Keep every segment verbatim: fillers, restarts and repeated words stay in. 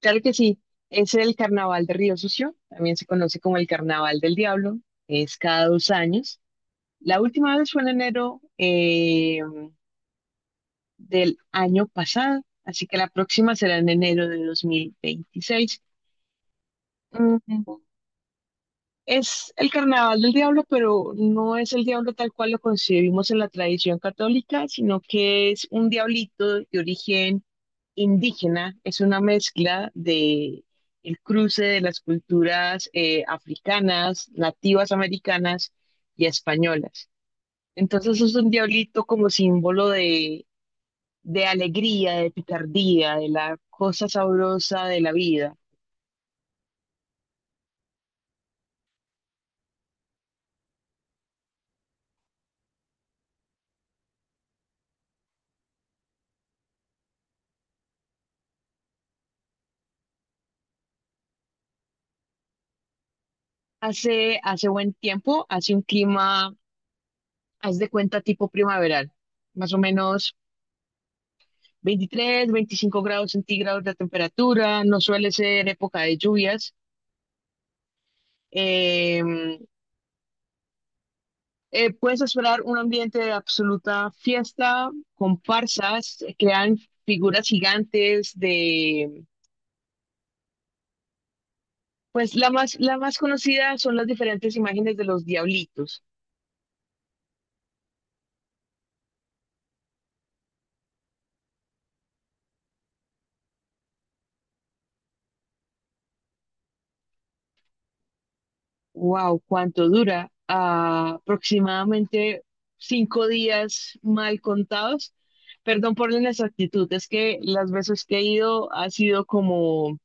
Claro que sí, es el Carnaval de Río Sucio, también se conoce como el Carnaval del Diablo, es cada dos años. La última vez fue en enero eh, del año pasado, así que la próxima será en enero de dos mil veintiséis. Mm, Es el carnaval del diablo, pero no es el diablo tal cual lo concebimos en la tradición católica, sino que es un diablito de origen indígena, es una mezcla de el cruce de las culturas eh, africanas, nativas americanas y españolas. Entonces es un diablito como símbolo de, de alegría, de picardía, de la cosa sabrosa de la vida. Hace, hace buen tiempo, hace un clima haz de cuenta tipo primaveral, más o menos veintitrés, veinticinco grados centígrados de temperatura, no suele ser época de lluvias. Eh, eh, puedes esperar un ambiente de absoluta fiesta, comparsas, eh, crean figuras gigantes de, pues la más, la más conocida son las diferentes imágenes de los diablitos. Wow, ¿cuánto dura? Ah, aproximadamente cinco días mal contados. Perdón por la inexactitud, es que las veces que he ido ha sido como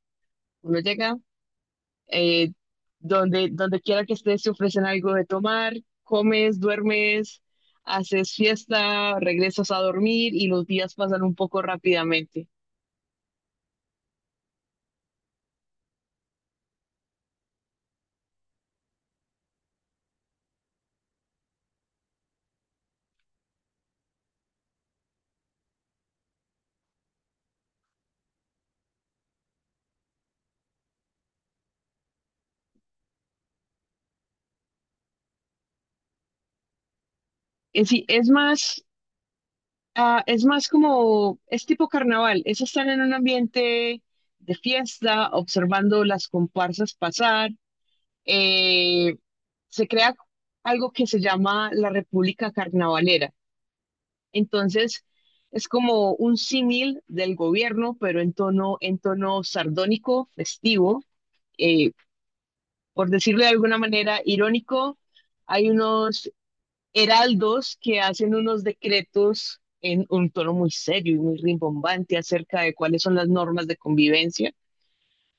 uno llega, eh, donde, donde quiera que estés te ofrecen algo de tomar, comes, duermes, haces fiesta, regresas a dormir y los días pasan un poco rápidamente. Es, sí, es más Ah, es más como, es tipo carnaval, es estar en un ambiente de fiesta, observando las comparsas pasar. eh, Se crea algo que se llama la República Carnavalera. Entonces, es como un símil del gobierno, pero en tono, en tono sardónico, festivo, eh, por decirlo de alguna manera, irónico. Hay unos heraldos que hacen unos decretos en un tono muy serio y muy rimbombante acerca de cuáles son las normas de convivencia.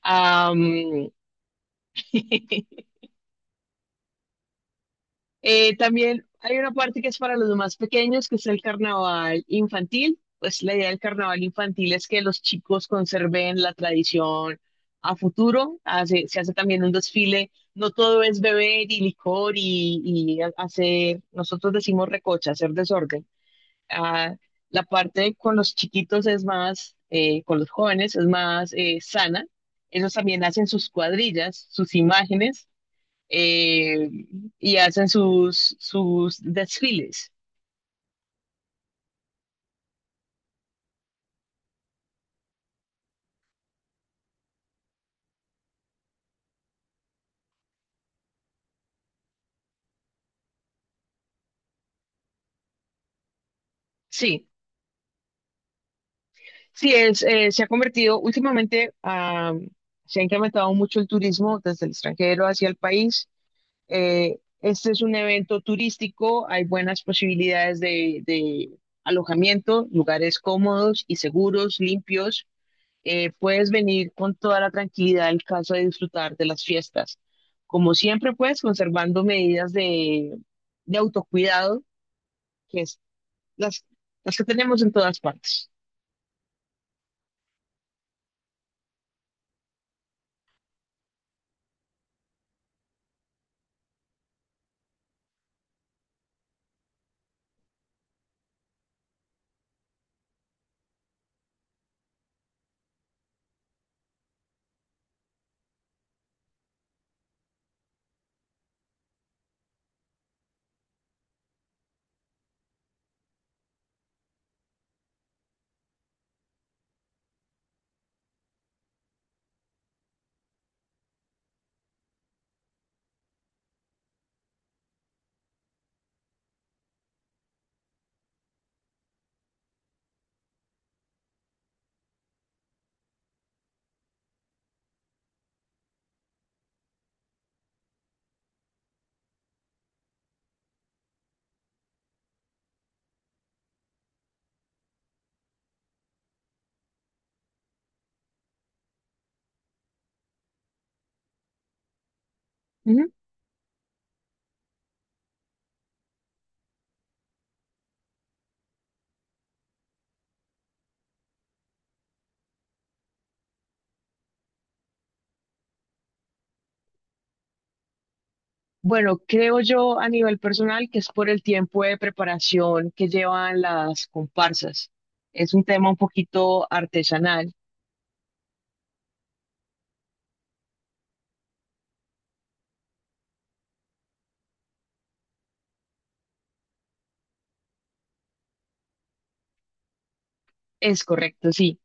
Am, eh, también hay una parte que es para los más pequeños, que es el carnaval infantil. Pues la idea del carnaval infantil es que los chicos conserven la tradición a futuro. Hace- se hace también un desfile. No todo es beber y licor y, y hacer, nosotros decimos recocha, hacer desorden. Ah, la parte con los chiquitos es más, eh, con los jóvenes es más eh, sana. Ellos también hacen sus cuadrillas, sus imágenes eh, y hacen sus, sus desfiles. Sí, sí, es, eh, se ha convertido últimamente, ah, se ha incrementado mucho el turismo desde el extranjero hacia el país. Eh, este es un evento turístico, hay buenas posibilidades de de alojamiento, lugares cómodos y seguros, limpios. Eh, puedes venir con toda la tranquilidad del caso de disfrutar de las fiestas. Como siempre, pues, conservando medidas de, de autocuidado, que es las, las que tenemos en todas partes. Ujú. Bueno, creo yo a nivel personal que es por el tiempo de preparación que llevan las comparsas. Es un tema un poquito artesanal. Es correcto, sí.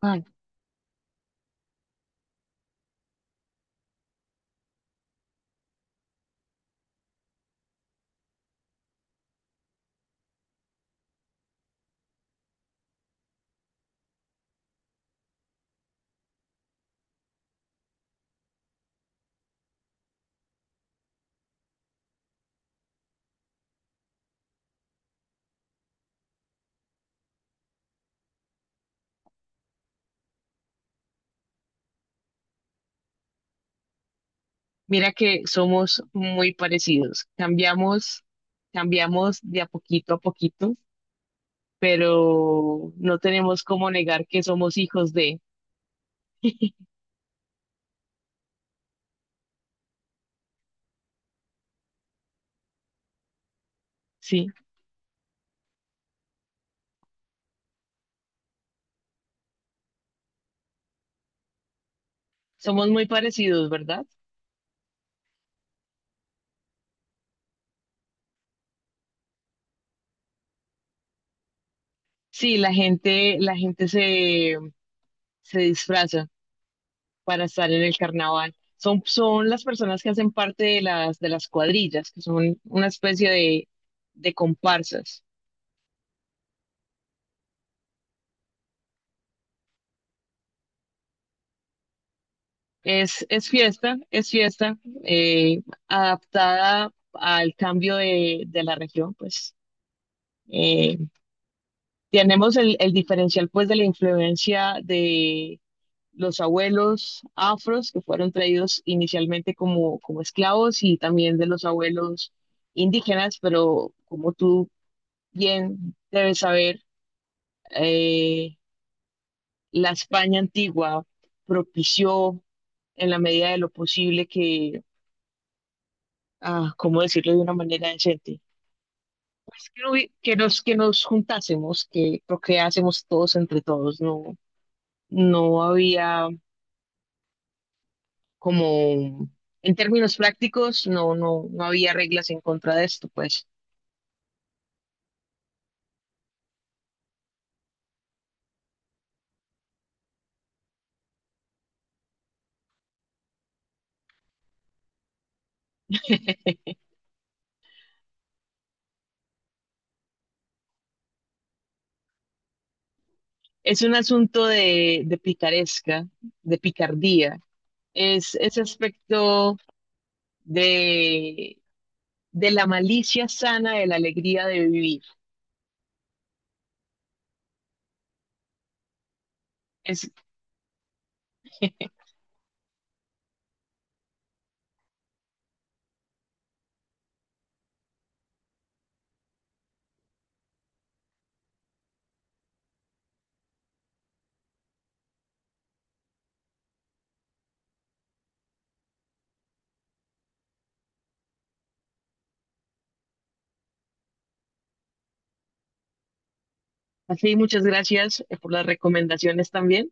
Ay, mira que somos muy parecidos. Cambiamos, cambiamos de a poquito a poquito pero no tenemos cómo negar que somos hijos de. Sí, somos muy parecidos, ¿verdad? Sí, la gente, la gente se, se disfraza para estar en el carnaval. Son, son las personas que hacen parte de las, de las cuadrillas, que son una especie de, de comparsas. Es, es fiesta, es fiesta, eh, adaptada al cambio de, de la región, pues. Eh, tenemos el, el diferencial pues de la influencia los abuelos afros que fueron traídos inicialmente como, como esclavos y también de los abuelos indígenas, pero como tú bien debes saber, eh, la España antigua propició en la medida de lo posible que, ah, ¿cómo decirlo de una manera decente? Es que, no hubi- que nos, que nos juntásemos, que procreásemos todos entre todos, no, no había como en términos prácticos no, no, no había reglas en contra de esto, pues. Es un asunto de, de picaresca, de picardía. Es ese aspecto de, de la malicia sana de la alegría de vivir. Es así, muchas gracias eh, por las recomendaciones también.